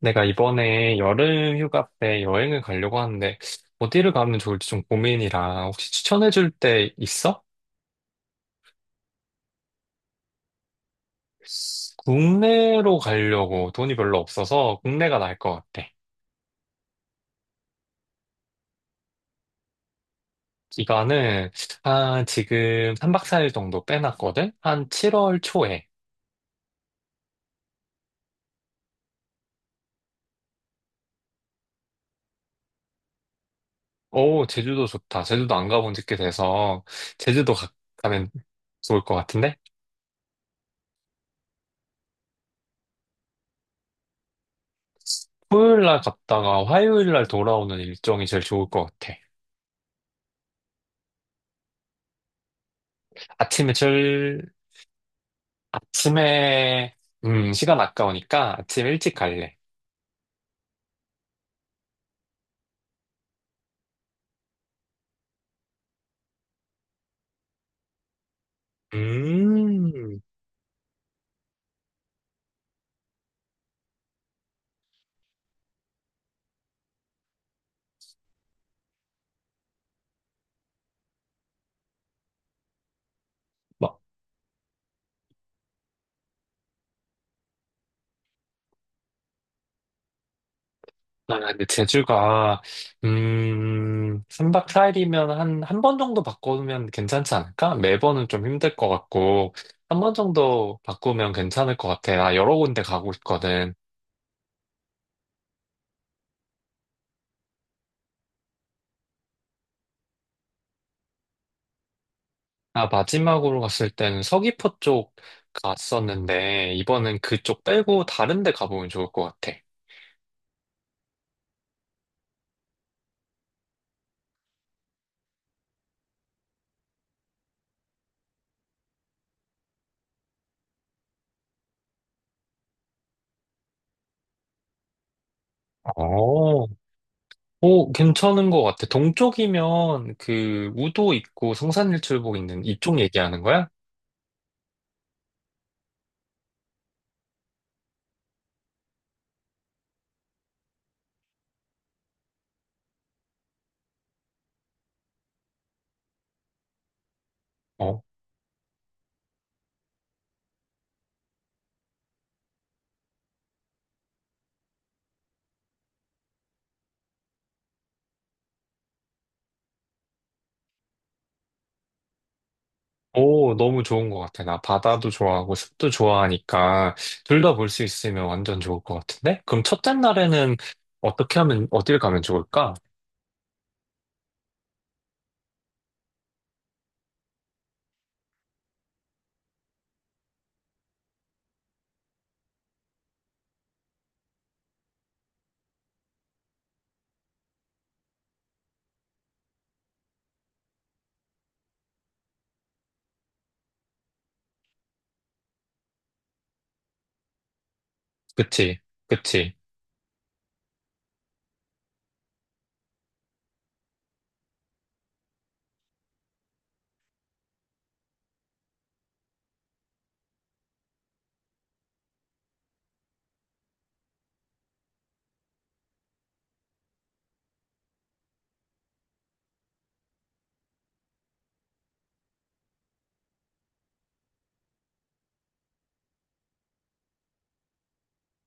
내가 이번에 여름 휴가 때 여행을 가려고 하는데 어디를 가면 좋을지 좀 고민이라 혹시 추천해 줄 데 있어? 국내로 가려고 돈이 별로 없어서 국내가 나을 것 같아. 기간은 한 지금 3박 4일 정도 빼놨거든? 한 7월 초에. 오, 제주도 좋다. 제주도 안 가본 지 꽤 돼서 제주도 가, 가면 좋을 것 같은데? 토요일 날 갔다가 화요일 날 돌아오는 일정이 제일 좋을 것 같아. 아침에 절 아침에, 시간 아까우니까 아침 일찍 갈래. 음, 뭐, 아, 3박 4일이면 한 번 정도 바꾸면 괜찮지 않을까? 매번은 좀 힘들 것 같고, 한 번 정도 바꾸면 괜찮을 것 같아. 나 여러 군데 가고 있거든. 나 마지막으로 갔을 때는 서귀포 쪽 갔었는데, 이번엔 그쪽 빼고 다른 데 가보면 좋을 것 같아. 어, 오, 괜찮은 것 같아. 동쪽이면 그 우도 있고 성산일출봉 있는 이쪽 얘기하는 거야? 어. 오, 너무 좋은 것 같아. 나 바다도 좋아하고 숲도 좋아하니까 둘 다 볼 수 있으면 완전 좋을 것 같은데? 그럼 첫째 날에는 어떻게 하면, 어딜 가면 좋을까? 그치, 그치.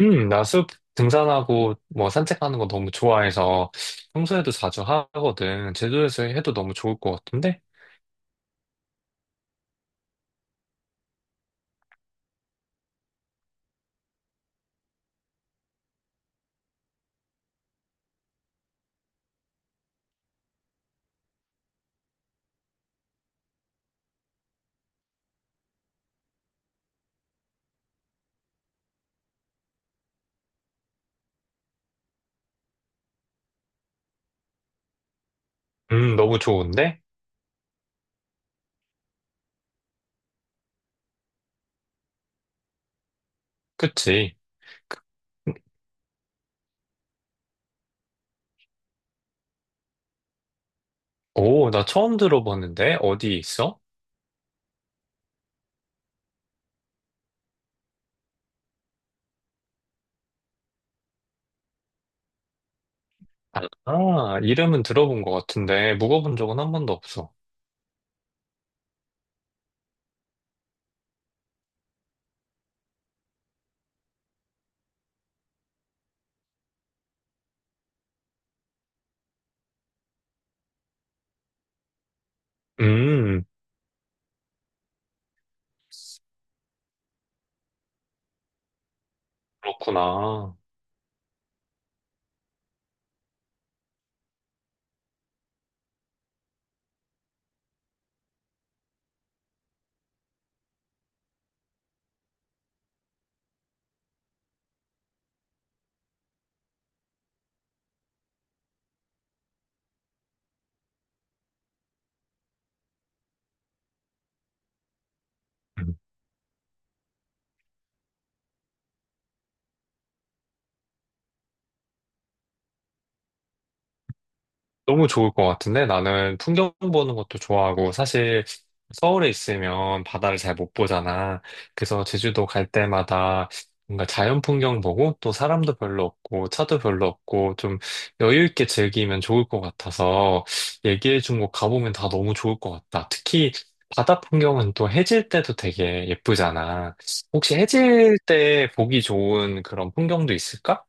나 숲 등산하고 뭐 산책하는 거 너무 좋아해서 평소에도 자주 하거든. 제주도에서 해도 너무 좋을 것 같은데? 너무 좋은데? 그치. 오, 나 처음 들어봤는데? 어디 있어? 아, 이름은 들어본 것 같은데, 묵어본 적은 한 번도 없어. 음, 그렇구나. 음. 너무 좋을 것 같은데 나는 풍경 보는 것도 좋아하고 사실 서울에 있으면 바다를 잘 못 보잖아. 그래서 제주도 갈 때마다 뭔가 자연 풍경 보고 또 사람도 별로 없고 차도 별로 없고 좀 여유 있게 즐기면 좋을 것 같아서 얘기해 준 곳 가보면 다 너무 좋을 것 같다. 특히 바다 풍경은 또 해질 때도 되게 예쁘잖아. 혹시 해질 때 보기 좋은 그런 풍경도 있을까?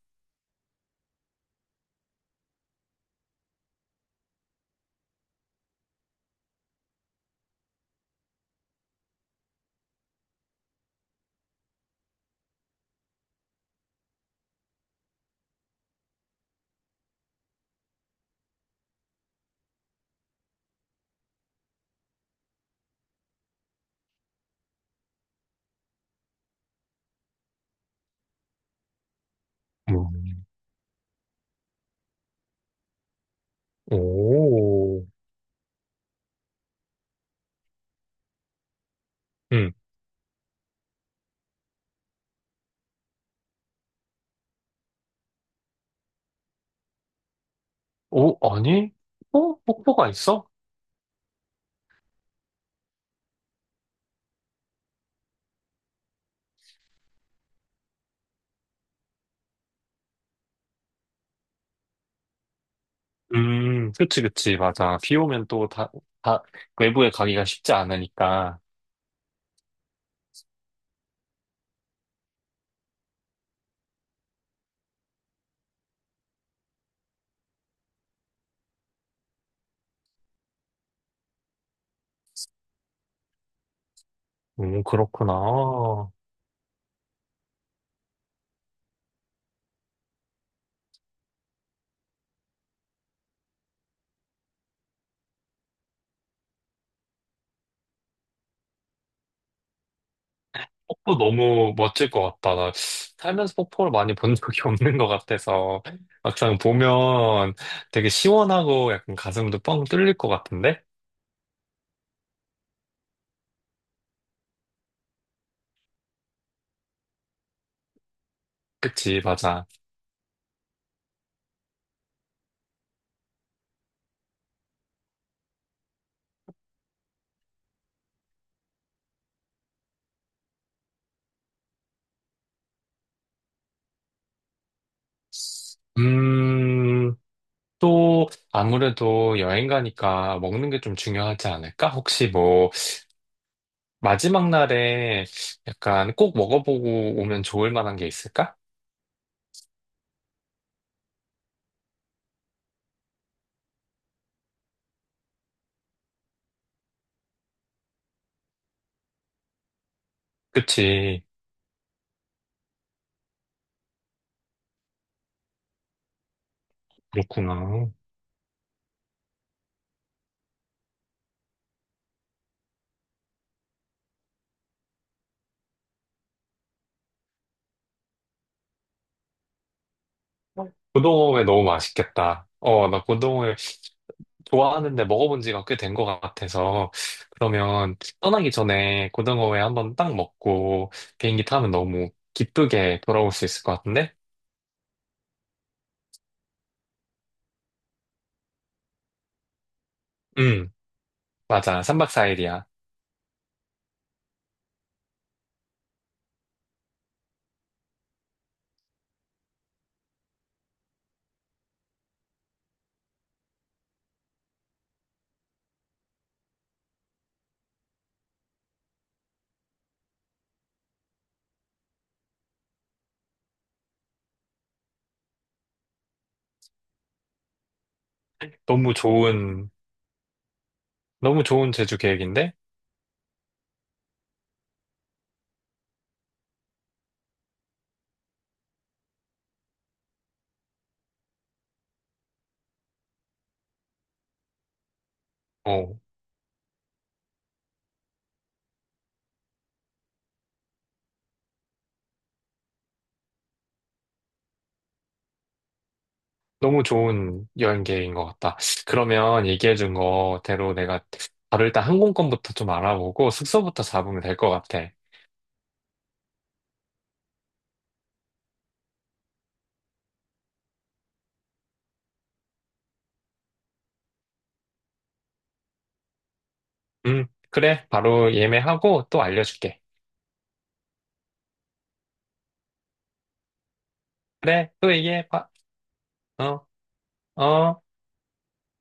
음. 오. 음. 오, 아니? 어? 폭포가 있어? 맞아. 비 오면 다, 외부에 가기가 쉽지 않으니까. 그렇구나. 폭포 너무 멋질 것 같다. 나 살면서 폭포를 많이 본 적이 없는 것 같아서. 막상 보면 되게 시원하고 약간 가슴도 뻥 뚫릴 것 같은데? 그치, 맞아. 음, 또 아무래도 여행 가니까 먹는 게 좀 중요하지 않을까? 혹시 뭐, 마지막 날에 약간 꼭 먹어보고 오면 좋을 만한 게 있을까? 그치. 그렇구나. 고등어회 너무 맛있겠다. 어, 나 고등어회 좋아하는데 먹어본 지가 꽤 된 것 같아서. 그러면 떠나기 전에 고등어회 한번 딱 먹고 비행기 타면 너무 기쁘게 돌아올 수 있을 것 같은데? 응, 맞아. 3박 4일이야. 너무 좋은, 너무 좋은 제주 계획인데? 어, 너무 좋은 여행 계획인 것 같다. 그러면 얘기해준 거대로 내가 바로 일단 항공권부터 좀 알아보고 숙소부터 잡으면 될 것 같아. 그래. 바로 예매하고 또 알려줄게. 그래. 또 얘기해봐. 어, 어.